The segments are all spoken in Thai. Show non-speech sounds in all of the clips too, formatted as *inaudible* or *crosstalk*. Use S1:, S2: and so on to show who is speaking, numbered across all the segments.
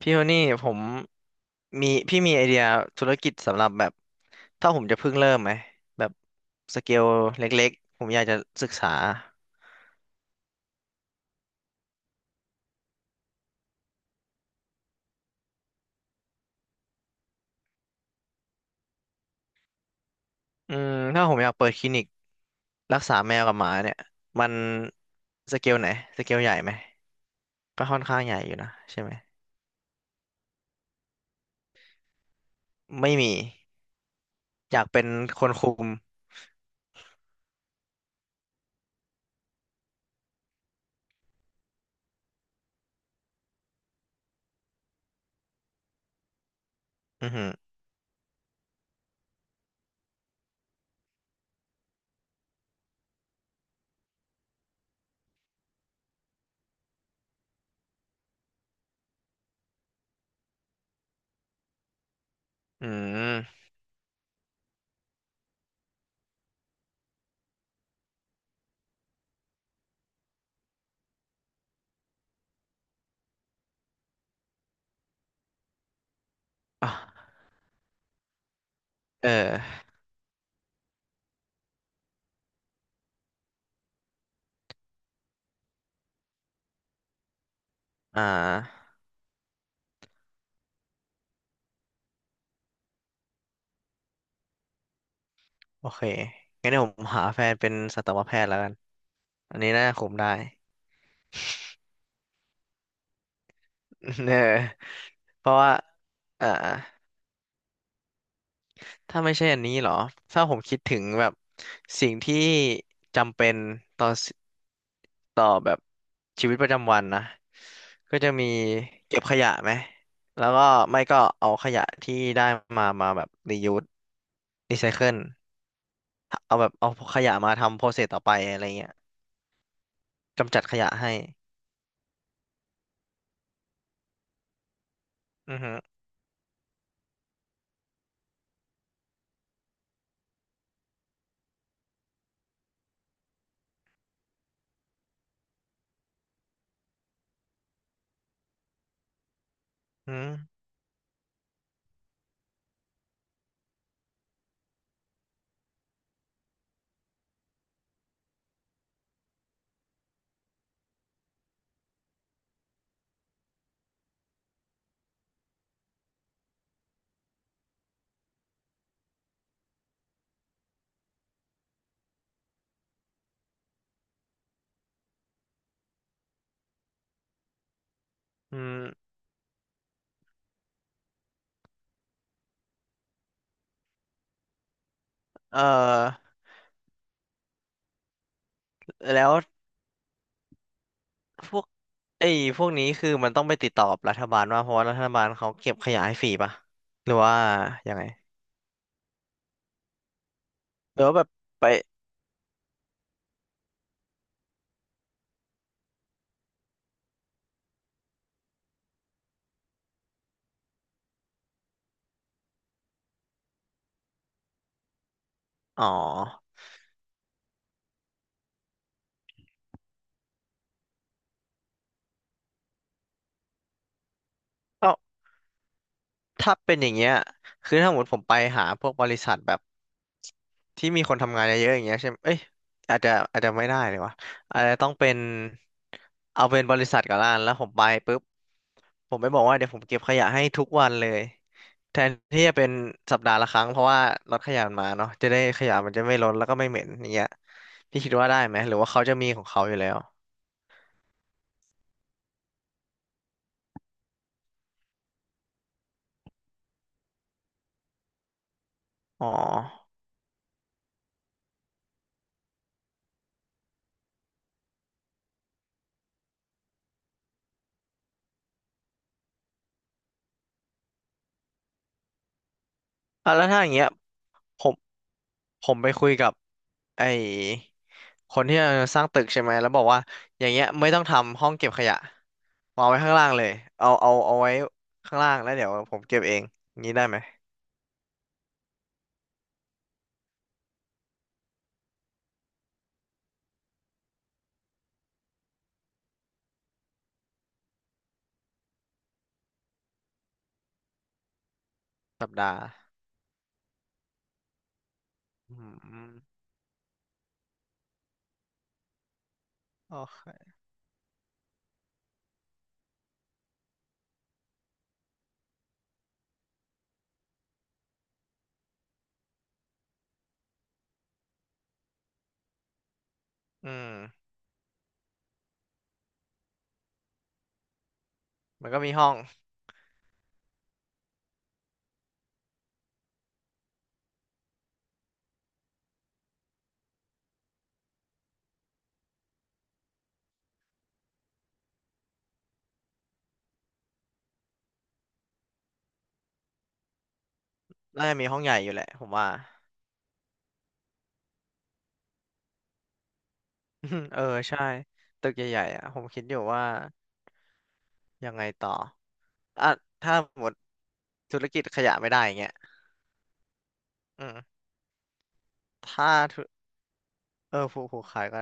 S1: พี่โทนี่ผมมีพี่มีไอเดียธุรกิจสำหรับแบบถ้าผมจะเพิ่งเริ่มไหมแบบสเกลเล็กๆผมอยากจะศึกษาถ้าผมอยากเปิดคลินิกรักษาแมวกับหมาเนี่ยมันสเกลไหนสเกลใหญ่ไหมก็ค่อนข้างใหญ่อยู่นะใช่ไหมไม่มีอยากเป็นคนคุมอือหืออืมอ่ะเอออ่าโอเคงั้นเดี๋ยวผมหาแฟนเป็นสัตวแพทย์แล้วกันอันนี้น่าคุมได้ *laughs* เออ เพราะว่าอ่าถ้าไม่ใช่อันนี้เหรอ ถ้าผมคิดถึงแบบสิ่งที่จำเป็นต่อสต่อแบบชีวิตประจำวันนะ ก็จะมีเก็บขยะไหม แล้วก็ไม่ก็เอาขยะที่ได้มาแบบรียูสรีไซเคิลเอาขยะมาทำโปรเซสต่อไปอะไรเงี้ยกำจัดขยะให้ อือฮึอืมอืมเอ่อแล้วพวก ไอ้พวกนี้คือมันต้องไปติดต่อกับรัฐบาลว่าเพราะว่ารัฐบาลเขาเก็บขยะให้ฟรีป่ะหรือว่ายังไงหรือว่าแบบไปอ๋อเอ้าถ้าเป็นอย่างเงี้ยคือถ้าสมมติผมไปหาพวกบริษัทแบบ ที่มีคนทำงานเยอะๆอย่างเงี้ยใช่ไหมเอ้ยอาจจะไม่ได้เลยวะอาจจะต้องเป็นเอาเป็นบริษัทก่อนละกันแล้วผมไปปุ๊บผมไปบอกว่าเดี๋ยวผมเก็บขยะให้ทุกวันเลยแทนที่จะเป็นสัปดาห์ละครั้งเพราะว่ารถขยะมันมาเนาะจะได้ขยะมันจะไม่ล้นแล้วก็ไม่เหม็นอย่างเงี้ยพี่คิดว่าได้ไหมหรือว่าเขาจะมีของเขาอยู่แล้วอ๋ออ่ะแล้วถ้าอย่างเงี้ยผม ผมไปคุยกับไอ้คนที่จะสร้างตึกใช่ไหม แล้วบอกว่าอย่างเงี้ยไม่ต้องทำห้องเก็บขยะวางไว้ข้างล่างเลยเอาไว้ข้างล่างแล้วเดี๋ยวผมเก็บเองงี้ได้ไหมสัปดาห์อืมโอเคอืมมันก็มีห้องน่าจะมีห้องใหญ่อยู่แหละผมว่า *laughs* เออใช่ตึกใหญ่ๆอ่ะผมคิดอยู่ว่ายังไงต่ออ่ะถ้าหมดธุรกิจขยะไม่ได้อย่างเงี้ยอืมถ้าธุเออผูกขายก็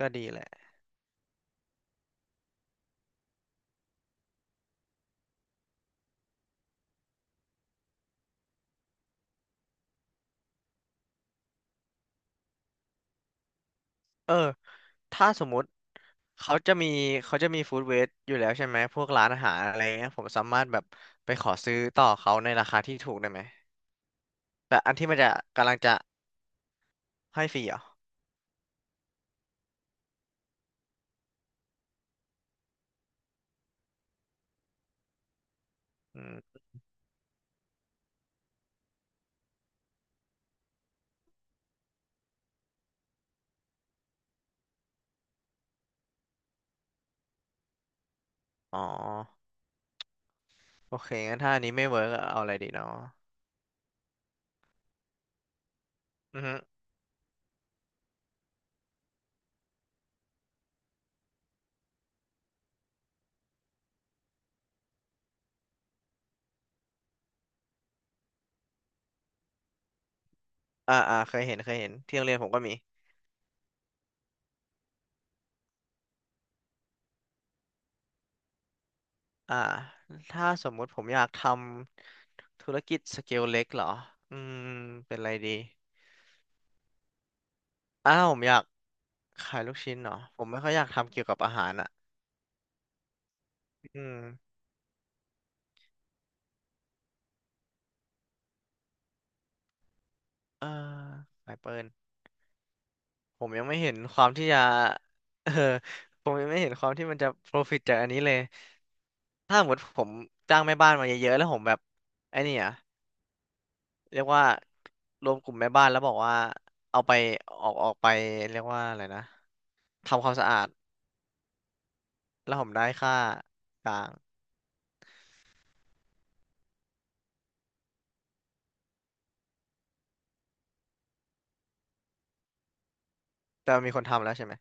S1: ก็ดีแหละ เออ ถ้าสมมุติเขาจะมีเขาจะมีฟู้ดเวสอยู่แล้วใช่ไหมพวกร้านอาหารอะไรเงี้ยผมสามารถแบบไปขอซื้อต่อเขาในราคาที่ถูกได้ไหมแต่อันที่มันจะกำลังจะให้ฟรีเหรออืมอ๋อโอเคงั้นถ้าอันนี้ไม่เวิร์กเอาอะไรดีเนาะอือฮึอ่าเคยเห็นที่โรงเรียนผมก็มีอ่าถ้าสมมุติผมอยากทำธุรกิจสเกลเล็กเหรออืมเป็นอะไรดีอ้าวผมอยากขายลูกชิ้นเหรอผมไม่ค่อยอยากทำเกี่ยวกับอาหารอ่ะอืม เอ่อสายเปิลผมยังไม่เห็นความที่จะ *laughs* เออผมยังไม่เห็นความที่มันจะ profit จากอันนี้เลยถ้าสมมติผมจ้างแม่บ้านมาเยอะๆแล้วผมแบบไอ้นี่อะเรียกว่ารวมกลุ่มแม่บ้านแล้วบอกว่าเอาไปออกไปเรียกว่าอะไรนะทำความสะอาดแล้วผมได้ค่ากลางแต่มันมีคนทำแล้วใช่ไหม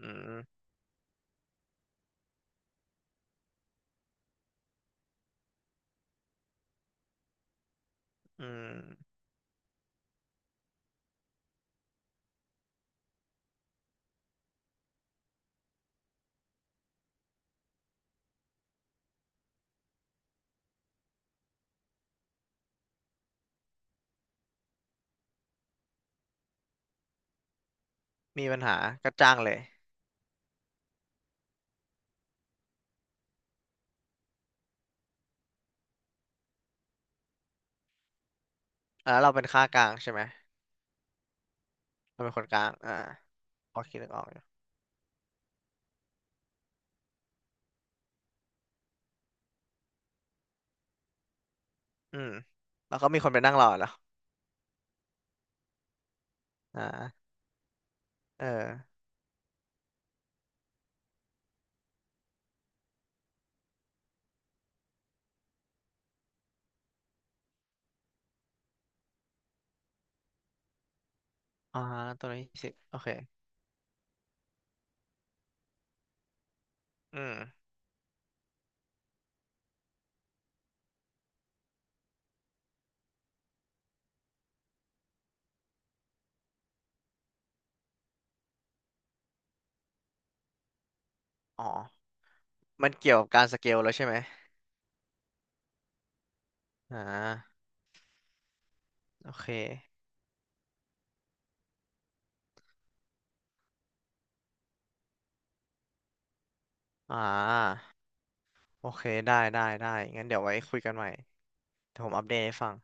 S1: อืมอืมมีปัญหาก็จ้างเลยอ่ะแล้วเราเป็นค่ากลางใช่ไหมเราเป็นคนกลางอ่าพอคิดนึกออกอยู่อืมแล้วก็มีคนไปนั่งรอเล้วอ่า เอออ่าตัวนี้สิบโอเค อืมอ๋อมันเกี่ยวกับการสเกลแล้วใช่ไหม อ่า โอเค อ่า โอเค ได้ ได้ ได้ งั้นเดี๋ยวไว้คุยกันใหม่เดี๋ยวผมอัปเดตให้ฟัง